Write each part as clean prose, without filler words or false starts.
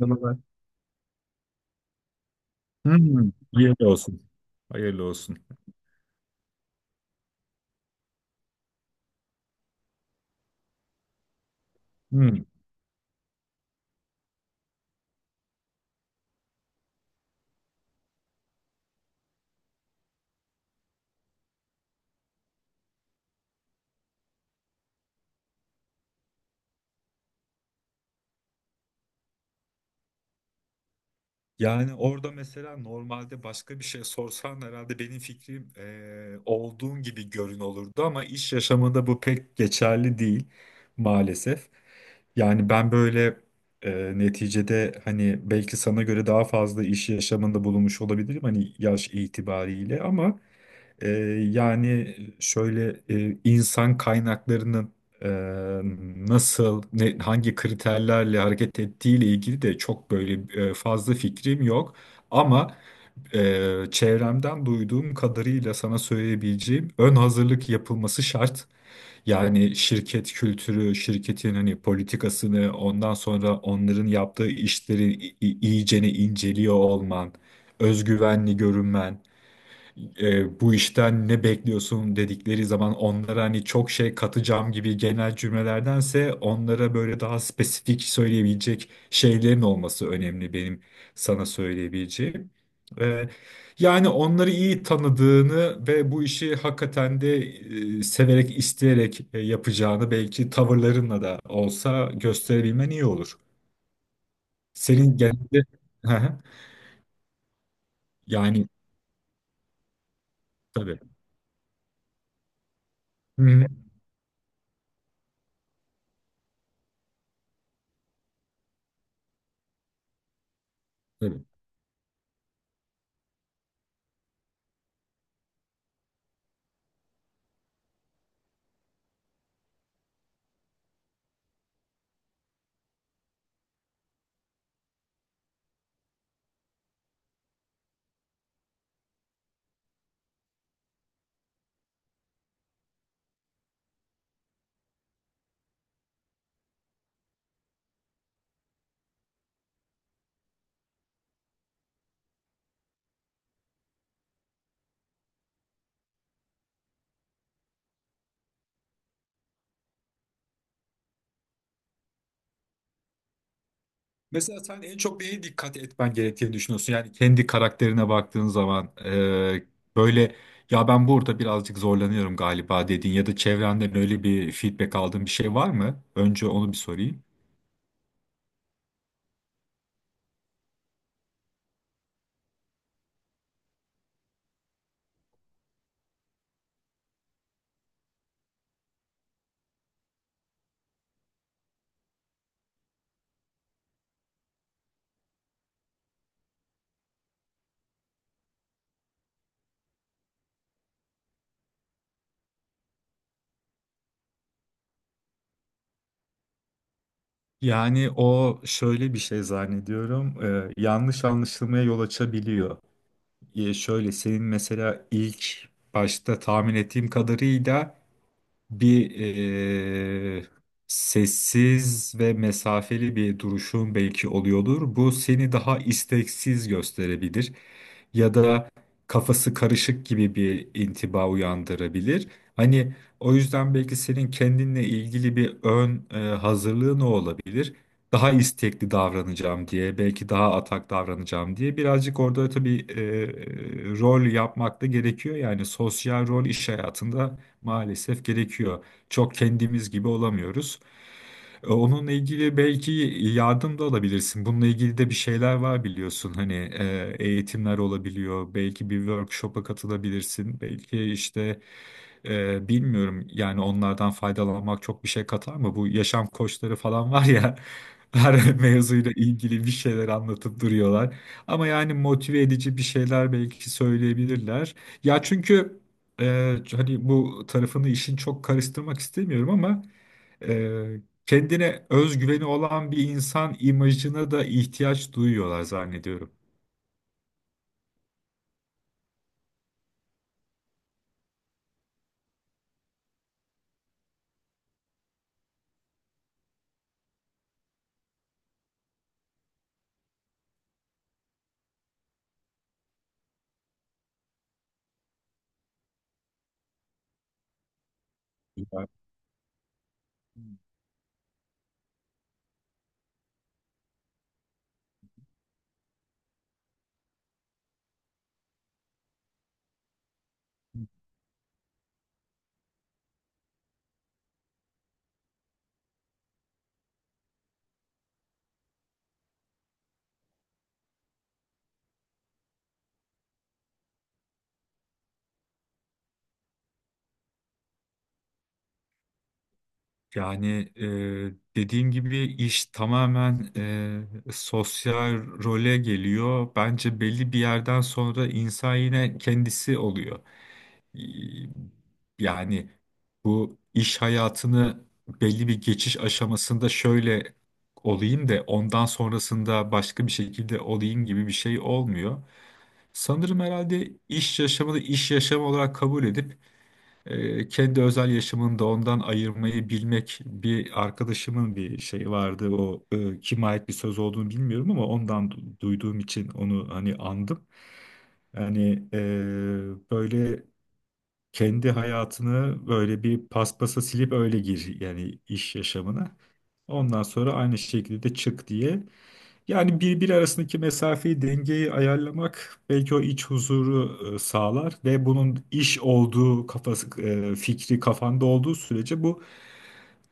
Yanıma. Hayırlı olsun. Hayırlı olsun. Hmm. Yani orada mesela normalde başka bir şey sorsan herhalde benim fikrim olduğun gibi görün olurdu ama iş yaşamında bu pek geçerli değil maalesef. Yani ben böyle neticede hani belki sana göre daha fazla iş yaşamında bulunmuş olabilirim hani yaş itibariyle ama Ee, yani şöyle insan kaynaklarının e, nasıl, hangi kriterlerle hareket ettiği ile ilgili de çok böyle fazla fikrim yok. Ama e, çevremden duyduğum kadarıyla sana söyleyebileceğim ön hazırlık yapılması şart. Yani şirket kültürü, şirketin hani politikasını, ondan sonra onların yaptığı işleri iyicene inceliyor olman, özgüvenli görünmen bu işten ne bekliyorsun dedikleri zaman onlara hani çok şey katacağım gibi genel cümlelerdense onlara böyle daha spesifik söyleyebilecek şeylerin olması önemli benim sana söyleyebileceğim. E, Yani onları iyi tanıdığını ve bu işi hakikaten de severek, isteyerek yapacağını belki tavırlarınla da olsa gösterebilmen iyi olur. Senin genelde yani tabii. Hı hı. Tabii. Mesela sen en çok neye dikkat etmen gerektiğini düşünüyorsun? Yani kendi karakterine baktığın zaman böyle ya ben burada birazcık zorlanıyorum galiba dediğin ya da çevrenden öyle bir feedback aldığın bir şey var mı? Önce onu bir sorayım. Yani o şöyle bir şey zannediyorum yanlış anlaşılmaya yol açabiliyor. Şöyle senin mesela ilk başta tahmin ettiğim kadarıyla bir sessiz ve mesafeli bir duruşun belki oluyordur. Bu seni daha isteksiz gösterebilir ya da kafası karışık gibi bir intiba uyandırabilir. Hani o yüzden belki senin kendinle ilgili bir ön hazırlığı ne olabilir? Daha istekli davranacağım diye, belki daha atak davranacağım diye birazcık orada tabii rol yapmak da gerekiyor. Yani sosyal rol iş hayatında maalesef gerekiyor. Çok kendimiz gibi olamıyoruz. Onunla ilgili belki yardım da alabilirsin. Bununla ilgili de bir şeyler var biliyorsun. Hani eğitimler olabiliyor. Belki bir workshop'a katılabilirsin. Belki işte bilmiyorum yani onlardan faydalanmak çok bir şey katar mı? Bu yaşam koçları falan var ya. Her mevzuyla ilgili bir şeyler anlatıp duruyorlar. Ama yani motive edici bir şeyler belki söyleyebilirler. Ya çünkü hani bu tarafını işin çok karıştırmak istemiyorum ama e, kendine özgüveni olan bir insan imajına da ihtiyaç duyuyorlar zannediyorum. Ya- Yani e, dediğim gibi iş tamamen sosyal role geliyor. Bence belli bir yerden sonra insan yine kendisi oluyor. e, Yani bu iş hayatını belli bir geçiş aşamasında şöyle olayım da ondan sonrasında başka bir şekilde olayım gibi bir şey olmuyor. Sanırım herhalde iş yaşamını iş yaşamı olarak kabul edip kendi özel yaşamını da ondan ayırmayı bilmek bir arkadaşımın bir şeyi vardı. O kime ait bir söz olduğunu bilmiyorum ama ondan duyduğum için onu hani andım. Yani böyle kendi hayatını böyle bir paspasa silip öyle gir yani iş yaşamına. Ondan sonra aynı şekilde de çık diye. Yani birbiri arasındaki mesafeyi, dengeyi ayarlamak belki o iç huzuru sağlar ve bunun iş olduğu kafası, fikri kafanda olduğu sürece bu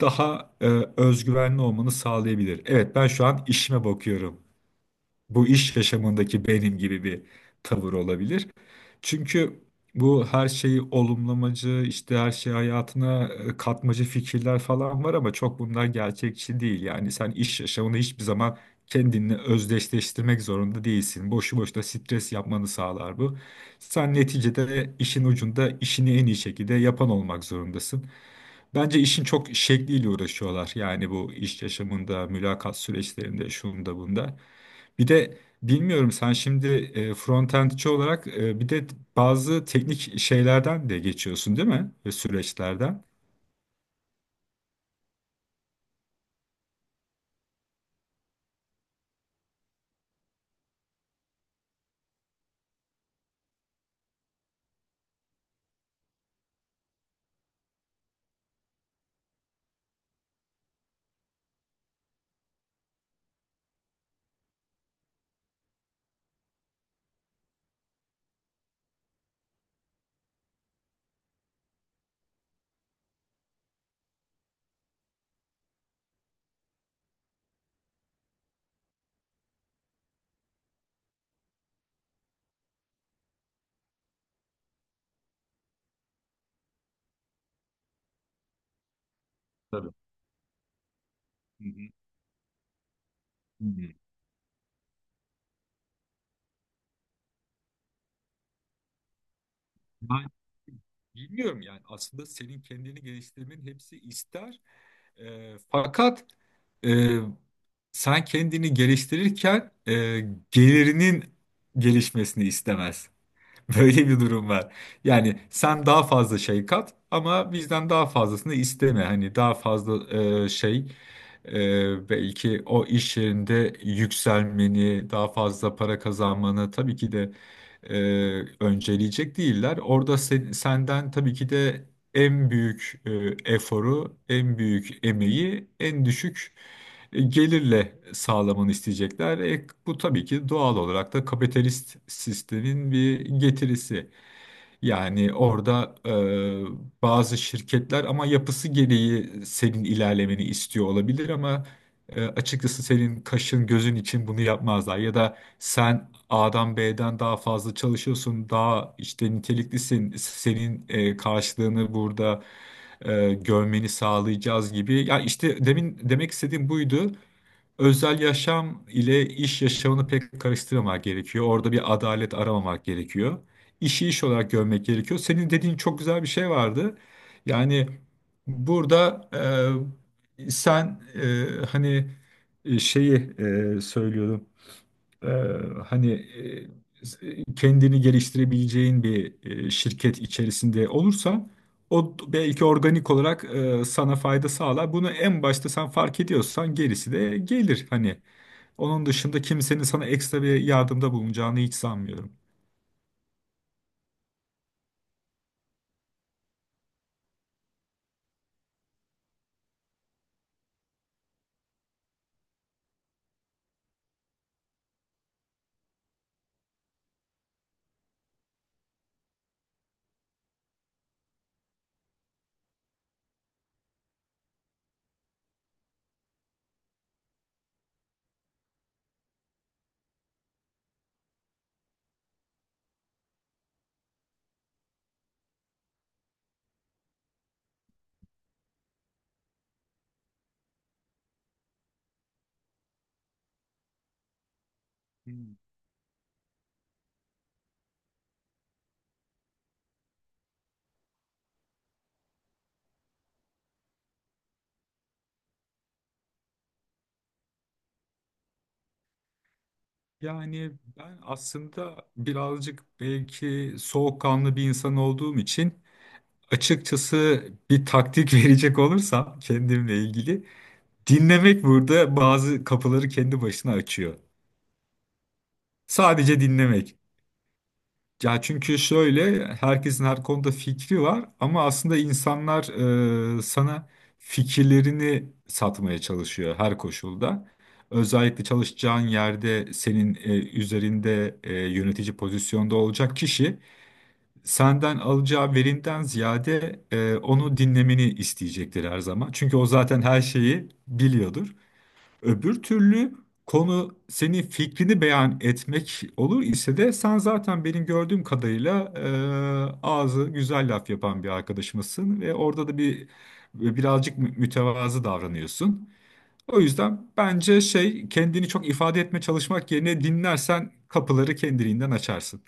daha özgüvenli olmanı sağlayabilir. Evet ben şu an işime bakıyorum bu iş yaşamındaki benim gibi bir tavır olabilir. Çünkü bu her şeyi olumlamacı, işte her şeyi hayatına katmacı fikirler falan var ama çok bunlar gerçekçi değil. Yani sen iş yaşamını hiçbir zaman kendinle özdeşleştirmek zorunda değilsin. Boşu boşuna stres yapmanı sağlar bu. Sen neticede işin ucunda işini en iyi şekilde yapan olmak zorundasın. Bence işin çok şekliyle uğraşıyorlar. Yani bu iş yaşamında, mülakat süreçlerinde, şunda bunda. Bir de bilmiyorum sen şimdi frontendçi olarak bir de bazı teknik şeylerden de geçiyorsun değil mi? Ve süreçlerden. Tabii. Hı hı. Hı. hı. Ben bilmiyorum yani aslında senin kendini geliştirmenin hepsi ister. Fakat e, sen kendini geliştirirken gelirinin gelişmesini istemez. Böyle bir durum var. Yani sen daha fazla şey kat ama bizden daha fazlasını isteme. Hani daha fazla e, şey belki o iş yerinde yükselmeni, daha fazla para kazanmanı tabii ki de e, önceleyecek değiller. Orada senden tabii ki de en büyük eforu, en büyük emeği, en düşük gelirle sağlamanı isteyecekler. Bu tabii ki doğal olarak da kapitalist sistemin bir getirisi. Yani orada bazı şirketler ama yapısı gereği senin ilerlemeni istiyor olabilir ama açıkçası senin kaşın gözün için bunu yapmazlar. Ya da sen A'dan B'den daha fazla çalışıyorsun, daha işte niteliklisin, senin karşılığını burada görmeni sağlayacağız gibi. Ya işte demin demek istediğim buydu özel yaşam ile iş yaşamını pek karıştırmamak gerekiyor. Orada bir adalet aramamak gerekiyor. İşi iş olarak görmek gerekiyor. Senin dediğin çok güzel bir şey vardı. Yani burada e, sen e, hani e, şeyi e, söylüyordum e, hani e, kendini geliştirebileceğin bir şirket içerisinde olursa o belki organik olarak sana fayda sağlar. Bunu en başta sen fark ediyorsan gerisi de gelir. Hani onun dışında kimsenin sana ekstra bir yardımda bulunacağını hiç sanmıyorum. Hmm. Yani ben aslında birazcık belki soğukkanlı bir insan olduğum için açıkçası bir taktik verecek olursam kendimle ilgili dinlemek burada bazı kapıları kendi başına açıyor. Sadece dinlemek. Ya çünkü şöyle herkesin her konuda fikri var ama aslında insanlar sana fikirlerini satmaya çalışıyor her koşulda. Özellikle çalışacağın yerde senin üzerinde yönetici pozisyonda olacak kişi senden alacağı verinden ziyade onu dinlemeni isteyecektir her zaman. Çünkü o zaten her şeyi biliyordur. Öbür türlü konu senin fikrini beyan etmek olur ise de sen zaten benim gördüğüm kadarıyla ağzı güzel laf yapan bir arkadaşımızsın ve orada da bir birazcık mütevazı davranıyorsun. O yüzden bence şey kendini çok ifade etme çalışmak yerine dinlersen kapıları kendiliğinden açarsın.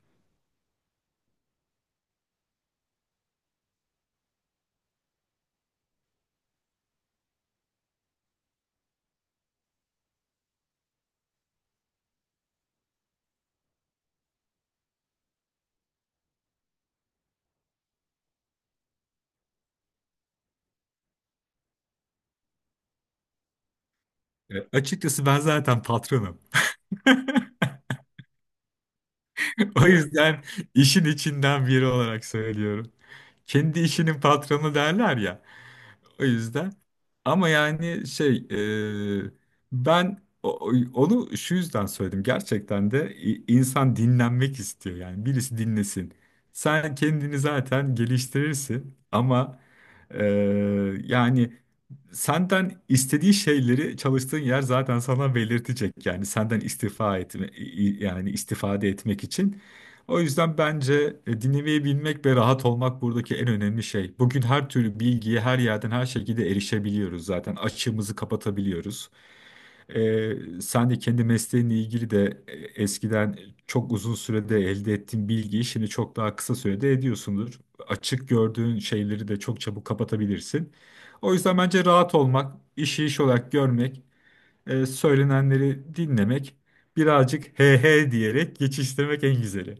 Açıkçası ben zaten patronum. O yüzden işin içinden biri olarak söylüyorum. Kendi işinin patronu derler ya. O yüzden. Ama yani şey e, ben onu şu yüzden söyledim. Gerçekten de insan dinlenmek istiyor yani birisi dinlesin. Sen kendini zaten geliştirirsin ama e, yani senden istediği şeyleri çalıştığın yer zaten sana belirtecek. Yani senden yani istifade etmek için. O yüzden bence dinlemeyi bilmek ve rahat olmak buradaki en önemli şey. Bugün her türlü bilgiye her yerden her şekilde erişebiliyoruz zaten. Açığımızı kapatabiliyoruz. Sen de kendi mesleğinle ilgili de eskiden çok uzun sürede elde ettiğin bilgiyi şimdi çok daha kısa sürede ediyorsundur. Açık gördüğün şeyleri de çok çabuk kapatabilirsin. O yüzden bence rahat olmak, işi iş olarak görmek, söylenenleri dinlemek, birazcık he he diyerek geçiştirmek en güzeli.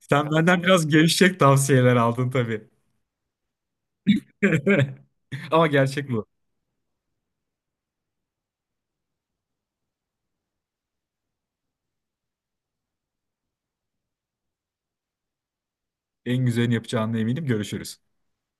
Sen benden biraz gevşek tavsiyeler aldın tabii. Ama gerçek bu. En güzelini yapacağına eminim. Görüşürüz.